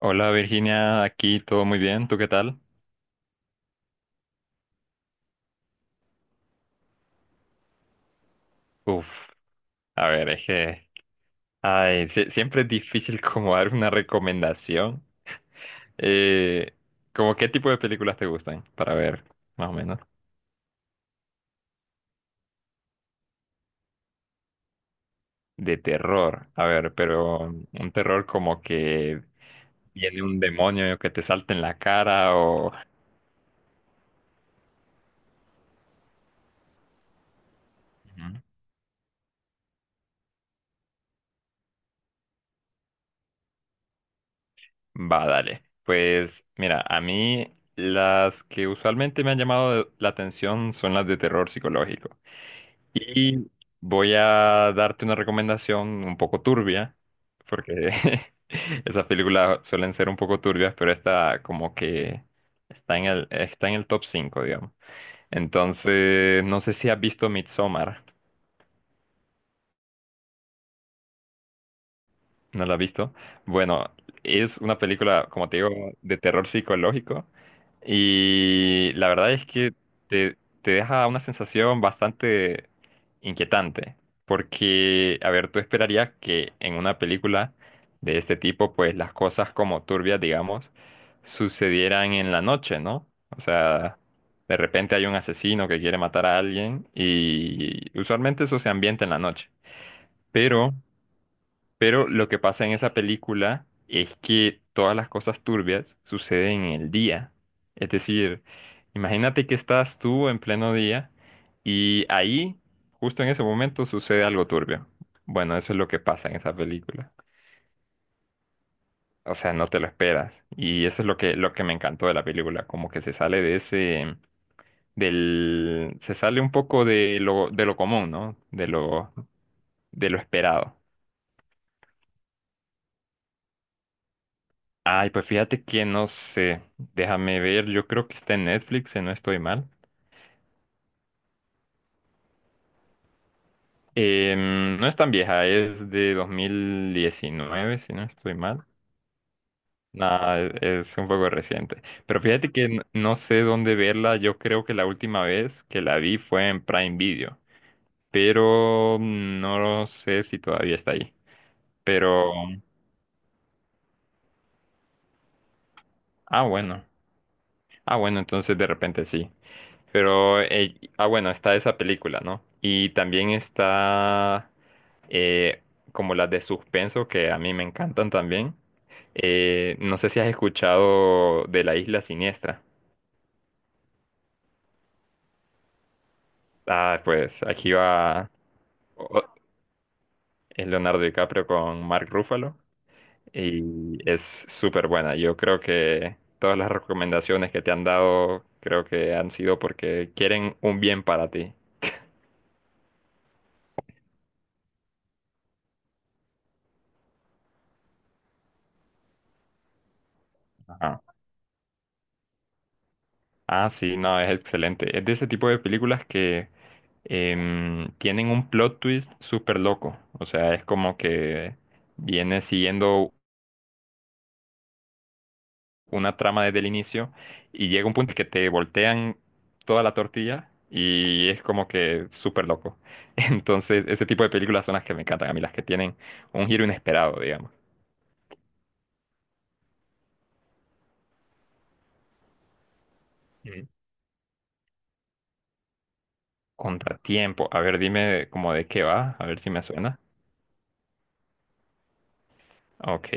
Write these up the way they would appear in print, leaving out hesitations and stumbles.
Hola Virginia, aquí todo muy bien, ¿tú qué tal? Uf, a ver, es que, ay, siempre es difícil como dar una recomendación. Eh, ¿Cómo qué tipo de películas te gustan? Para ver, más o menos. De terror, a ver, pero un terror como que viene un demonio que te salta en la cara o... Ujú. Va, dale. Pues mira, a mí las que usualmente me han llamado la atención son las de terror psicológico. Y voy a darte una recomendación un poco turbia, porque esas películas suelen ser un poco turbias, pero esta como que está en el top 5, digamos. Entonces, no sé si has visto Midsommar. ¿No la has visto? Bueno, es una película, como te digo, de terror psicológico y la verdad es que te, te deja una sensación bastante inquietante, porque, a ver, tú esperarías que en una película de este tipo, pues las cosas como turbias, digamos, sucedieran en la noche, ¿no? O sea, de repente hay un asesino que quiere matar a alguien y usualmente eso se ambienta en la noche, pero... Pero lo que pasa en esa película es que todas las cosas turbias suceden en el día. Es decir, imagínate que estás tú en pleno día y ahí, justo en ese momento, sucede algo turbio. Bueno, eso es lo que pasa en esa película. O sea, no te lo esperas. Y eso es lo que, me encantó de la película, como que se sale de ese, del, se sale un poco de lo común, ¿no? De lo esperado. Ay, pues fíjate que no sé. Déjame ver, yo creo que está en Netflix, si no estoy mal. No es tan vieja, es de 2019, si no estoy mal. Nada, es un poco reciente. Pero fíjate que no sé dónde verla. Yo creo que la última vez que la vi fue en Prime Video. Pero no sé si todavía está ahí. Pero, ah, bueno. Ah, bueno, entonces de repente sí. Pero, ah, bueno, está esa película, ¿no? Y también está eh, como las de suspenso, que a mí me encantan también. No sé si has escuchado de La Isla Siniestra. Ah, pues aquí va o- o- es Leonardo DiCaprio con Mark Ruffalo y es súper buena. Yo creo que todas las recomendaciones que te han dado creo que han sido porque quieren un bien para ti. Ah, sí, no, es excelente. Es de ese tipo de películas que tienen un plot twist súper loco. O sea, es como que viene siguiendo una trama desde el inicio y llega un punto que te voltean toda la tortilla y es como que súper loco. Entonces, ese tipo de películas son las que me encantan a mí, las que tienen un giro inesperado, digamos. Mm. Contratiempo. A ver, dime como de qué va, a ver si me suena. Ok,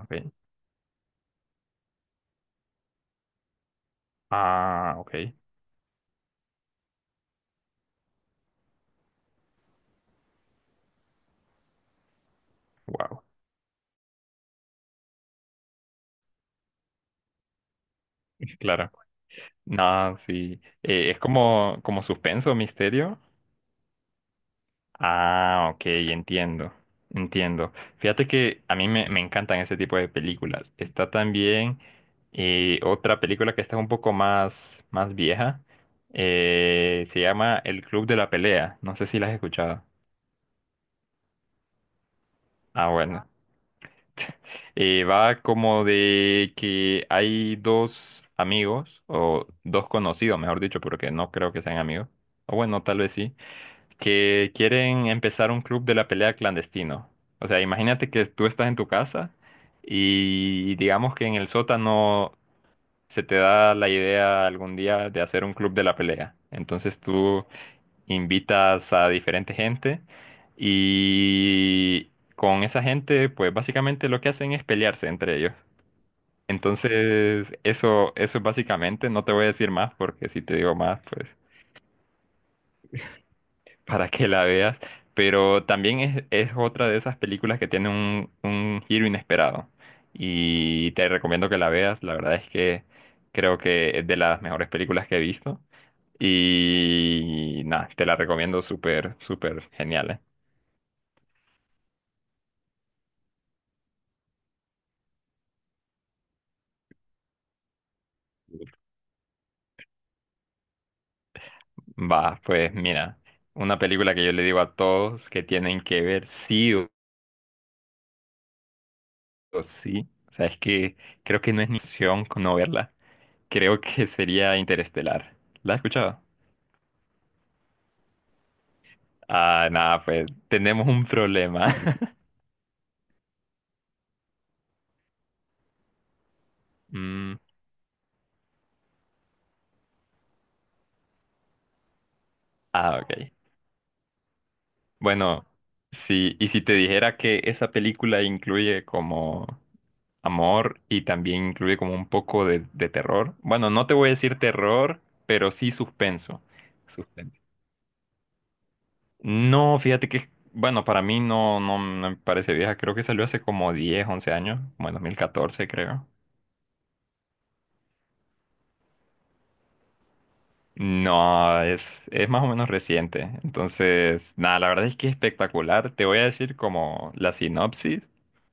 ok. Ah, ok. Wow, claro. No, sí. Es como, como suspenso, misterio. Ah, ok, entiendo. Entiendo. Fíjate que a mí me encantan ese tipo de películas. Está también otra película que está un poco más, más vieja. Se llama El Club de la Pelea. No sé si la has escuchado. Ah, bueno. Va como de que hay dos amigos, o dos conocidos, mejor dicho, porque no creo que sean amigos. O bueno, tal vez sí que quieren empezar un club de la pelea clandestino. O sea, imagínate que tú estás en tu casa y digamos que en el sótano se te da la idea algún día de hacer un club de la pelea. Entonces tú invitas a diferente gente y con esa gente, pues básicamente lo que hacen es pelearse entre ellos. Entonces, eso es básicamente, no te voy a decir más porque si te digo más, pues para que la veas, pero también es otra de esas películas que tiene un giro inesperado y te recomiendo que la veas, la verdad es que creo que es de las mejores películas que he visto y nada, te la recomiendo súper, súper genial, ¿eh? Va, pues mira, una película que yo le digo a todos que tienen que ver sí o sí, o sea, es que creo que no es ni opción con no verla, creo que sería Interestelar. ¿La has escuchado? Ah, nada, pues tenemos un problema. Mm, ah, ok. Bueno, sí, y si te dijera que esa película incluye como amor y también incluye como un poco de terror. Bueno, no te voy a decir terror, pero sí suspenso. Suspenso. No, fíjate que, bueno, para mí no, no no me parece vieja. Creo que salió hace como 10, 11 años, como en 2014, creo. No, es más o menos reciente. Entonces, nada, la verdad es que es espectacular. Te voy a decir como la sinopsis,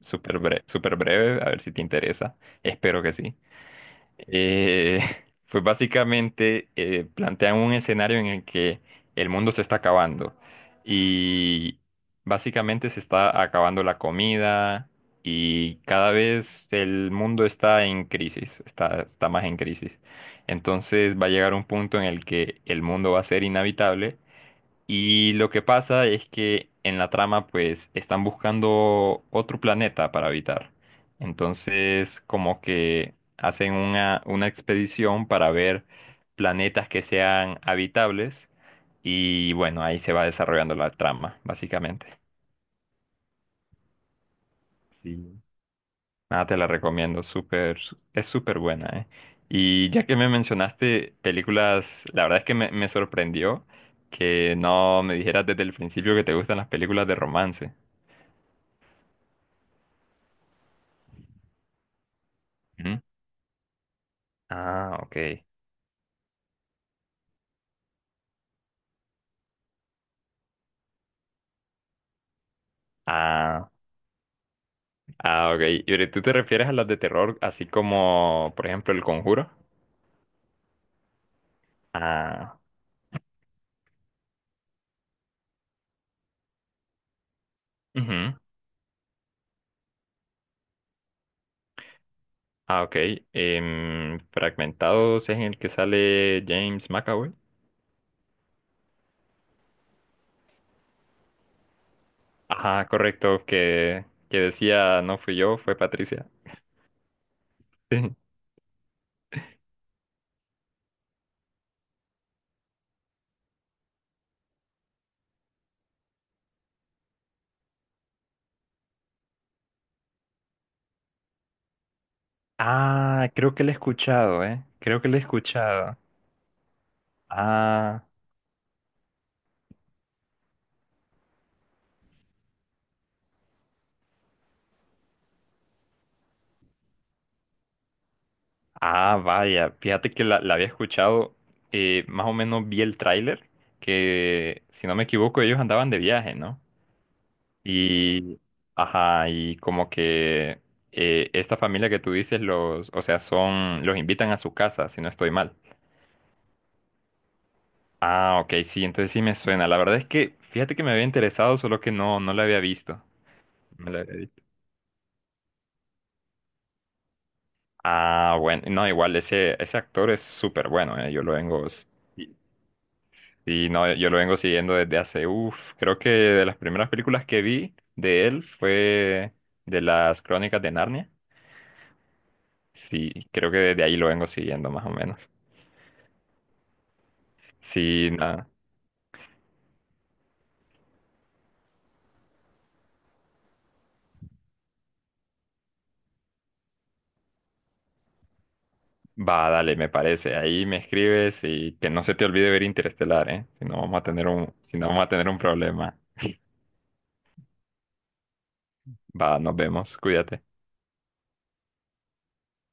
súper breve, a ver si te interesa. Espero que sí. Eh, pues básicamente plantean un escenario en el que el mundo se está acabando y básicamente se está acabando la comida y cada vez el mundo está en crisis, está más en crisis. Entonces va a llegar un punto en el que el mundo va a ser inhabitable y lo que pasa es que en la trama pues están buscando otro planeta para habitar. Entonces como que hacen una expedición para ver planetas que sean habitables y bueno, ahí se va desarrollando la trama, básicamente. Sí. Nada, te la recomiendo, súper, es súper buena, ¿eh? Y ya que me mencionaste películas, la verdad es que me sorprendió que no me dijeras desde el principio que te gustan las películas de romance. Ujú. Ah, ok. Ah, ah, ok. ¿Y ahorita tú te refieres a las de terror, así como, por ejemplo, El Conjuro? Ah, ujú. Ah, ok. Fragmentados es en el que sale James McAvoy. Ajá, correcto, que decía, no fui yo, fue Patricia. Sí. Ah, creo que la he escuchado, ¿eh? Creo que la he escuchado. Ah. Ah, vaya, fíjate que la había escuchado, más o menos vi el tráiler, que si no me equivoco ellos andaban de viaje, ¿no? Y, ajá, y como que esta familia que tú dices, los, o sea, son, los invitan a su casa, si no estoy mal. Ah, ok, sí, entonces sí me suena. La verdad es que, fíjate que me había interesado, solo que no, no la había visto. Me la había visto. Ah, bueno, no, igual ese, ese actor es súper bueno, yo lo vengo sí, sí, no, yo lo vengo siguiendo desde hace, uff, creo que de las primeras películas que vi de él fue de las Crónicas de Narnia. Sí, creo que desde ahí lo vengo siguiendo más o menos. Sí, nada, va, dale, me parece. Ahí me escribes y que no se te olvide ver Interestelar, ¿eh? Si no vamos a tener un problema. Va, nos vemos, cuídate.